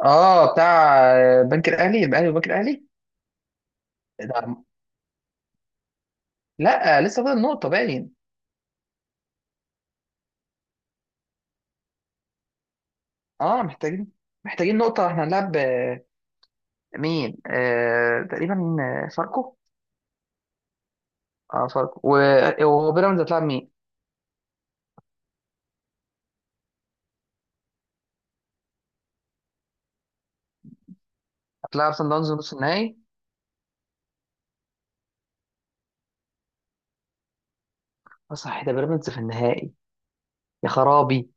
اه، بتاع بنك الاهلي والبنك الاهلي. ده- لا، لسه فاضل نقطه باين. اه، محتاجين نقطه. احنا هنلعب مين؟ تقريبا فاركو. اه، فاركو. وبيراميدز هتلعب مين؟ هتلعب سان داونز نص النهائي؟ اه، صح، ده بيراميدز في النهائي. يا خرابي،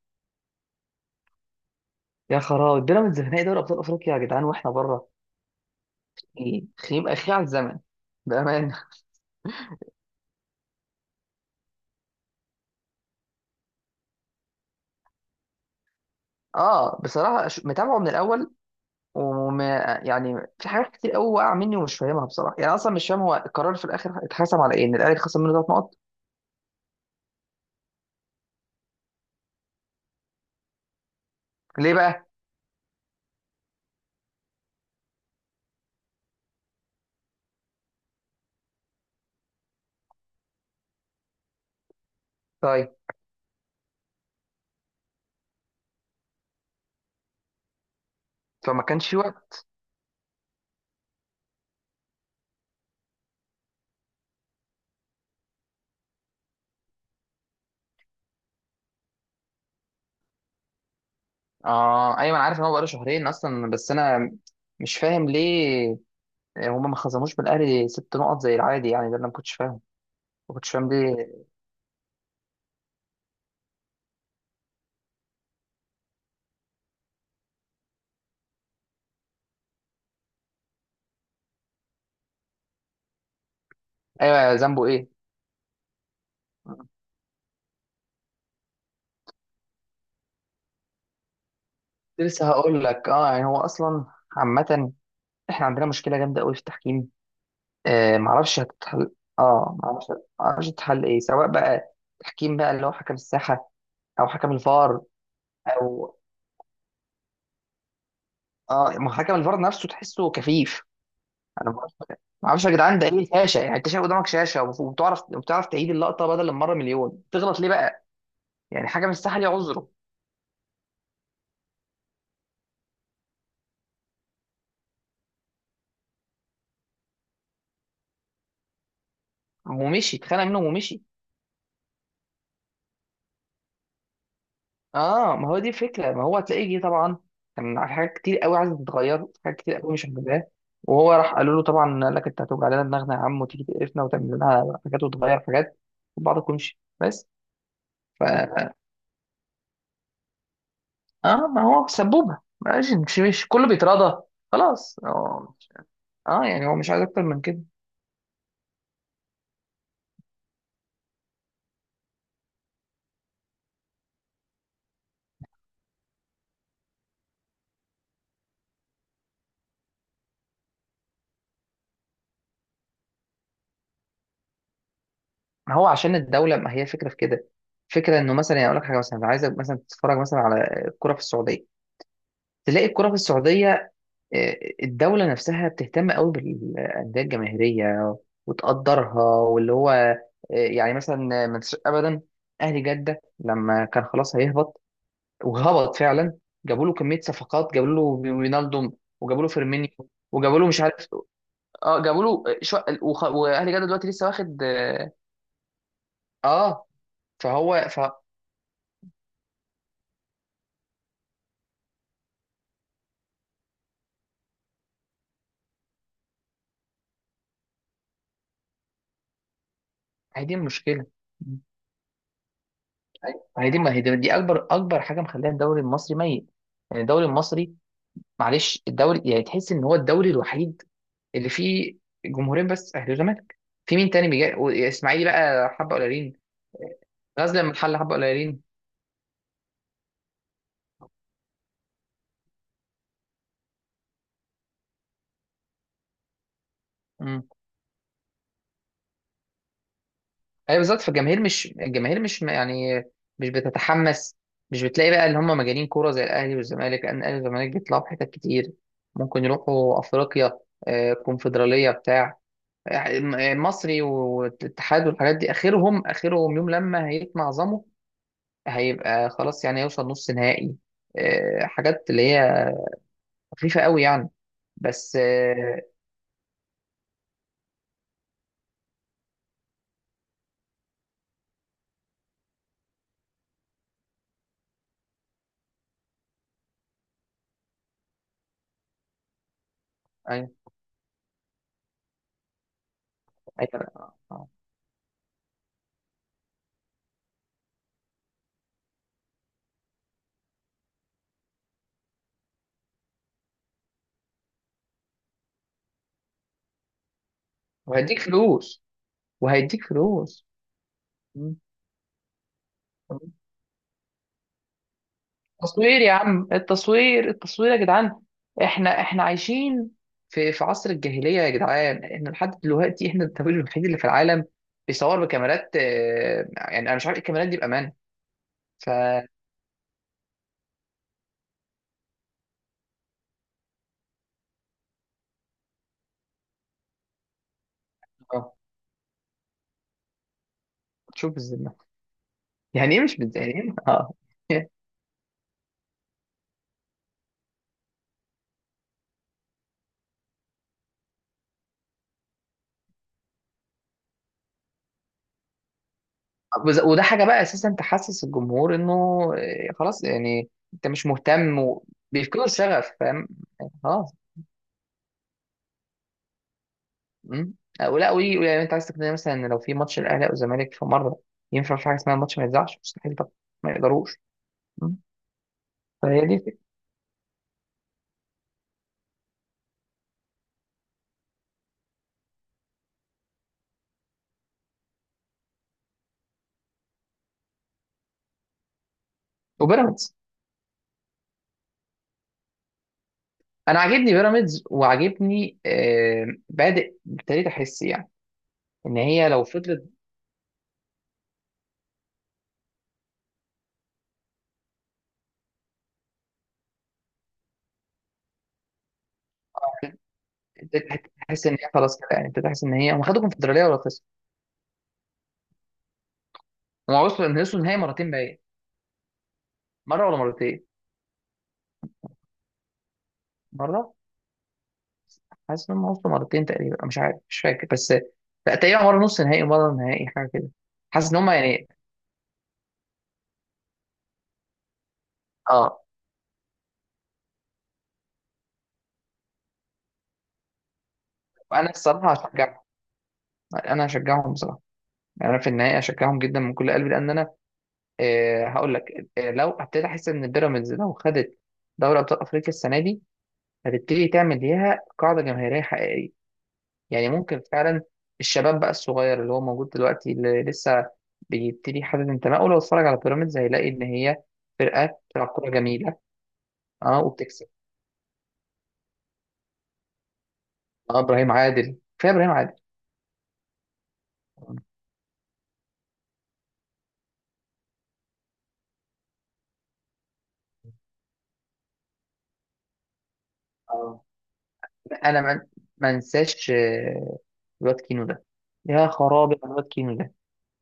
يا خرابي، بيراميدز في نهائي دوري ابطال افريقيا يا جدعان واحنا بره! ايه خيم اخي على الزمن، بأمانة. اه، بصراحة، متابعه من الأول وما. يعني في حاجات كتير قوي واقعه مني ومش فاهمها بصراحه. يعني اصلا مش فاهم هو القرار في الاخر اتحسم على ايه، ان الاهلي خسر منه 3 نقط. ليه بقى؟ طيب، فما كانش في وقت. اه، ايوه، انا عارف ان هو بقاله شهرين اصلا، بس انا مش فاهم ليه هما ما خصموش من الاهلي 6 نقط زي العادي. يعني ده اللي انا ما كنتش فاهم، ما كنتش فاهم ليه. ايوه، ذنبه ايه؟ كنت لسه هقول لك، اه، يعني هو اصلا عامه، احنا عندنا مشكله جامده قوي في التحكيم. معرفش هتتحل. اه معرفش معرفش هتتحل ايه، سواء بقى تحكيم بقى اللي هو حكم الساحة او حكم الفار. او، اه، ما هو حكم الفار نفسه تحسه كفيف. انا ما معرفش يا جدعان ده ايه الشاشة. يعني انت شايف قدامك شاشة وبتعرف تعيد اللقطة، بدل المرة مليون تغلط ليه بقى؟ يعني حكم الساحة ليه عذره. ومشي اتخانق منهم ومشي. اه، ما هو دي فكرة. ما هو هتلاقيه جه طبعا كان على حاجات كتير قوي عايزة تتغير، حاجات كتير قوي مش عاجباه. وهو راح قالوا له طبعا، قال لك انت هتوجع لنا دماغنا يا عم وتيجي تقرفنا وتعمل لنا حاجات وتغير حاجات وبعض كلش بس. ف اه، ما هو سبوبة ماشي، مش كله بيتراضى. خلاص، اه. يعني هو مش عايز اكتر من كده. ما هو عشان الدولة، ما هي الفكرة في كده. فكرة انه مثلا، يعني اقول لك حاجة، مثلا عايزك مثلا تتفرج مثلا على الكرة في السعودية. تلاقي الكرة في السعودية، الدولة نفسها بتهتم قوي بالأندية الجماهيرية وتقدرها. واللي هو، يعني مثلا ما تنساش أبدا أهلي جدة لما كان خلاص هيهبط، وهبط فعلا، جابوا له كمية صفقات، جابوا له رينالدو، وجابوا له فيرمينيو، وجابوا له مش عارف. اه، جابوا له وأهلي جدة دلوقتي لسه واخد، اه، آه، فهو. هي دي المشكلة. هي دي، ما هي دي أكبر أكبر حاجة مخليها الدوري المصري ميت. يعني الدوري المصري، معلش، الدوري، يعني تحس ان هو الدوري الوحيد اللي فيه جمهورين بس، اهلي وزمالك. في مين تاني بيجي؟ واسماعيلي بقى حبه قليلين. غزل لما الحل حبه قليلين. امم، ايوه، بالظبط. فالجماهير مش، الجماهير مش يعني، مش بتتحمس. مش بتلاقي بقى اللي هم مجانين كوره زي الاهلي والزمالك، لان الاهلي والزمالك بيطلعوا في حتت كتير. ممكن يروحوا افريقيا، كونفدراليه بتاع، مصري والاتحاد والحاجات دي. اخرهم، اخرهم يوم لما هيتمعظموا، هيبقى خلاص، يعني هيوصل نص نهائي، حاجات اللي هي خفيفة قوي يعني. بس، أيوة، أيوة، آه. آه. وهيديك فلوس. وهيديك فلوس. مم. التصوير يا عم، التصوير، التصوير يا جدعان. احنا عايشين في عصر الجاهلية يا جدعان. احنا لحد دلوقتي احنا الدولة الوحيد اللي في العالم بيصور بكاميرات، يعني انا مش عارف الكاميرات دي بأمان. ف آه، تشوف الذمة. يعني ايه؟ مش يعني ايه؟ اه. وده حاجه بقى اساسا تحسس الجمهور انه، خلاص، يعني انت مش مهتم وبيفقدوا الشغف فاهم. يعني خلاص. مم. أو لا وي، يعني انت عايز تقنعني مثلا ان لو في ماتش الاهلي او الزمالك في مره ينفع في حاجه اسمها الماتش ما يتذاعش؟ مستحيل طبعا. ما يقدروش. مم. فهي دي الفكرة. وبيراميدز، انا عاجبني بيراميدز، وعاجبني، بادئ ابتديت احس، يعني ان هي لو فضلت ابتديت تحس ان هي خلاص كده، يعني ابتديت احس ان هي، هم خدوا كونفدراليه ولا خسروا؟ هم وصلوا، ان وصلوا النهائي مرتين باين. مره ولا مرتين؟ مره. حاسس ان هم وصلوا مرتين تقريبا. أنا مش عارف، مش فاكر، بس لا تقريبا مره نص نهائي ومره نهائي حاجه كده. حاسس ان هم يعني، اه. انا الصراحه هشجعهم. انا هشجعهم بصراحه، يعني انا في النهائي هشجعهم جدا من كل قلبي، لان انا، هقول لك، لو ابتديت احس ان بيراميدز لو خدت دوري ابطال افريقيا السنه دي، هتبتدي تعمل ليها قاعده جماهيريه حقيقيه. يعني ممكن فعلا الشباب بقى الصغير اللي هو موجود دلوقتي اللي لسه بيبتدي يحدد انتمائه، لو اتفرج على بيراميدز هيلاقي ان هي فرقه بتلعب كوره جميله. اه، وبتكسب. اه، ابراهيم عادل، كفايه ابراهيم عادل. اه، انا ما انساش الواد كينو ده. يا خرابي على الواد كينو ده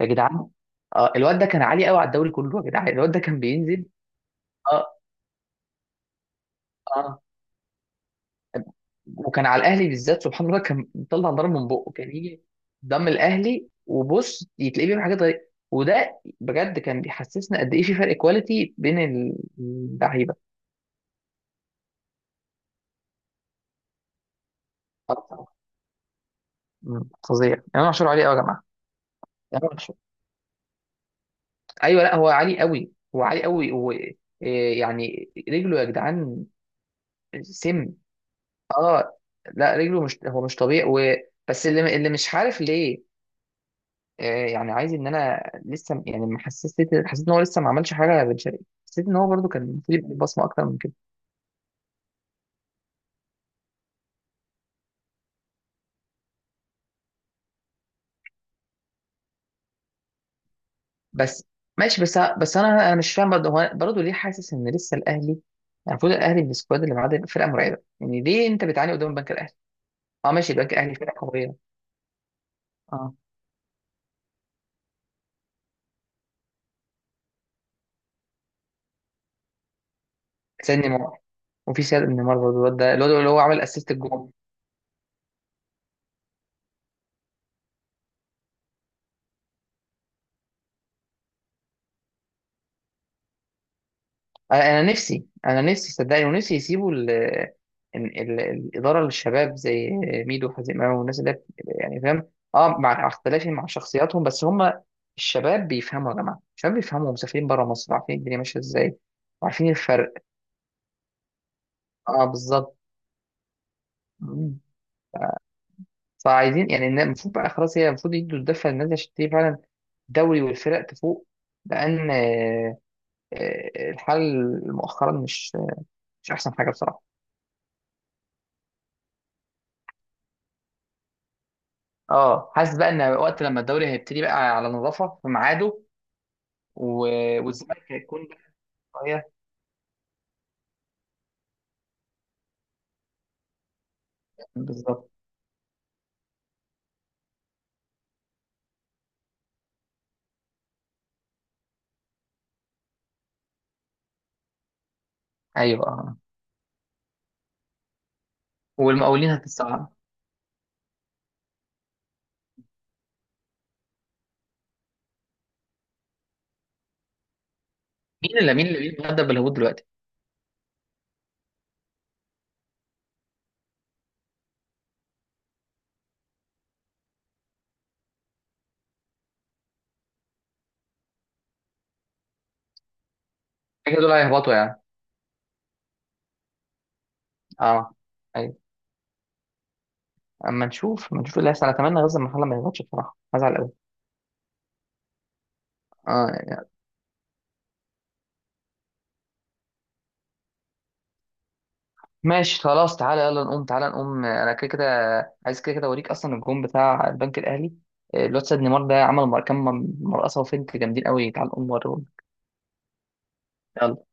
يا جدعان. اه، الواد ده كان عالي قوي على الدوري كله يا جدعان، الواد ده كان بينزل. اه، اه، وكان على الاهلي بالذات سبحان الله كان بيطلع نار من بقه. كان يجي قدام الاهلي وبص يتلاقيه بيعمل حاجات غريبه. وده بجد كان بيحسسنا قد ايه في فرق كواليتي بين اللعيبه. طبعاں. فظيع امام عاشور عليه قوي يا جماعه. امام عاشور، ايوه. لا، هو عالي قوي، هو عالي قوي، هو إيه يعني رجله يا جدعان. سم. اه، لا، رجله، مش هو مش طبيعي. بس اللي مش عارف ليه، يعني عايز ان انا لسه، يعني ما حسيت، حسيت ان هو لسه ما عملش حاجه يا بن شرقي. حسيت ان هو برده كان المفروض يبقى بصمه اكتر من كده. بس ماشي. بس انا مش فاهم برضه هو، برضه ليه حاسس ان لسه الاهلي، يعني المفروض الاهلي بالسكواد اللي معاه ده يبقى فرقه مرعبه، يعني ليه انت بتعاني قدام البنك الاهلي؟ اه، ماشي، البنك الاهلي فرقه قويه. اه، سيد نيمار. وفي سيد نيمار برضه الواد ده، الواد اللي هو عمل اسيست الجون. انا نفسي انا نفسي، صدقني، ونفسي يسيبوا الاداره للشباب زي ميدو حزيماوي والناس اللي، يعني، فاهم. اه، مع اختلافي مع شخصياتهم، بس هم الشباب بيفهموا يا جماعه. الشباب بيفهموا، مسافرين بره مصر، عارفين الدنيا ماشيه ازاي وعارفين الفرق. اه، بالظبط. مم. فعايزين يعني، المفروض بقى خلاص، هي المفروض يدوا الدفه للناس عشان تبتدي فعلا الدوري والفرق تفوق، لان الحال مؤخرا مش، مش احسن حاجه بصراحه. اه، حاسس بقى ان وقت لما الدوري هيبتدي بقى على نظافه في ميعاده، و... والزمالك هيكون بقى شويه. بالظبط. ايوه، آه. والمقاولين هتتصعد. مين اللي مين اللي هدى بالهبوط دلوقتي؟ كده دول هيهبطوا يعني؟ اه، ايوه. اما نشوف، اما نشوف اللي هيحصل. اتمنى غزل المحله ما يهبطش بصراحه، هزعل قوي. اه، ماشي، خلاص. تعالى يلا نقوم، تعالى نقوم. انا كده كده عايز كده كده اوريك اصلا الجون بتاع البنك الاهلي. الواد سيد نيمار ده عمل كام مرقصه وفنت جامدين قوي. تعالى نقوم نوريهم. يلا.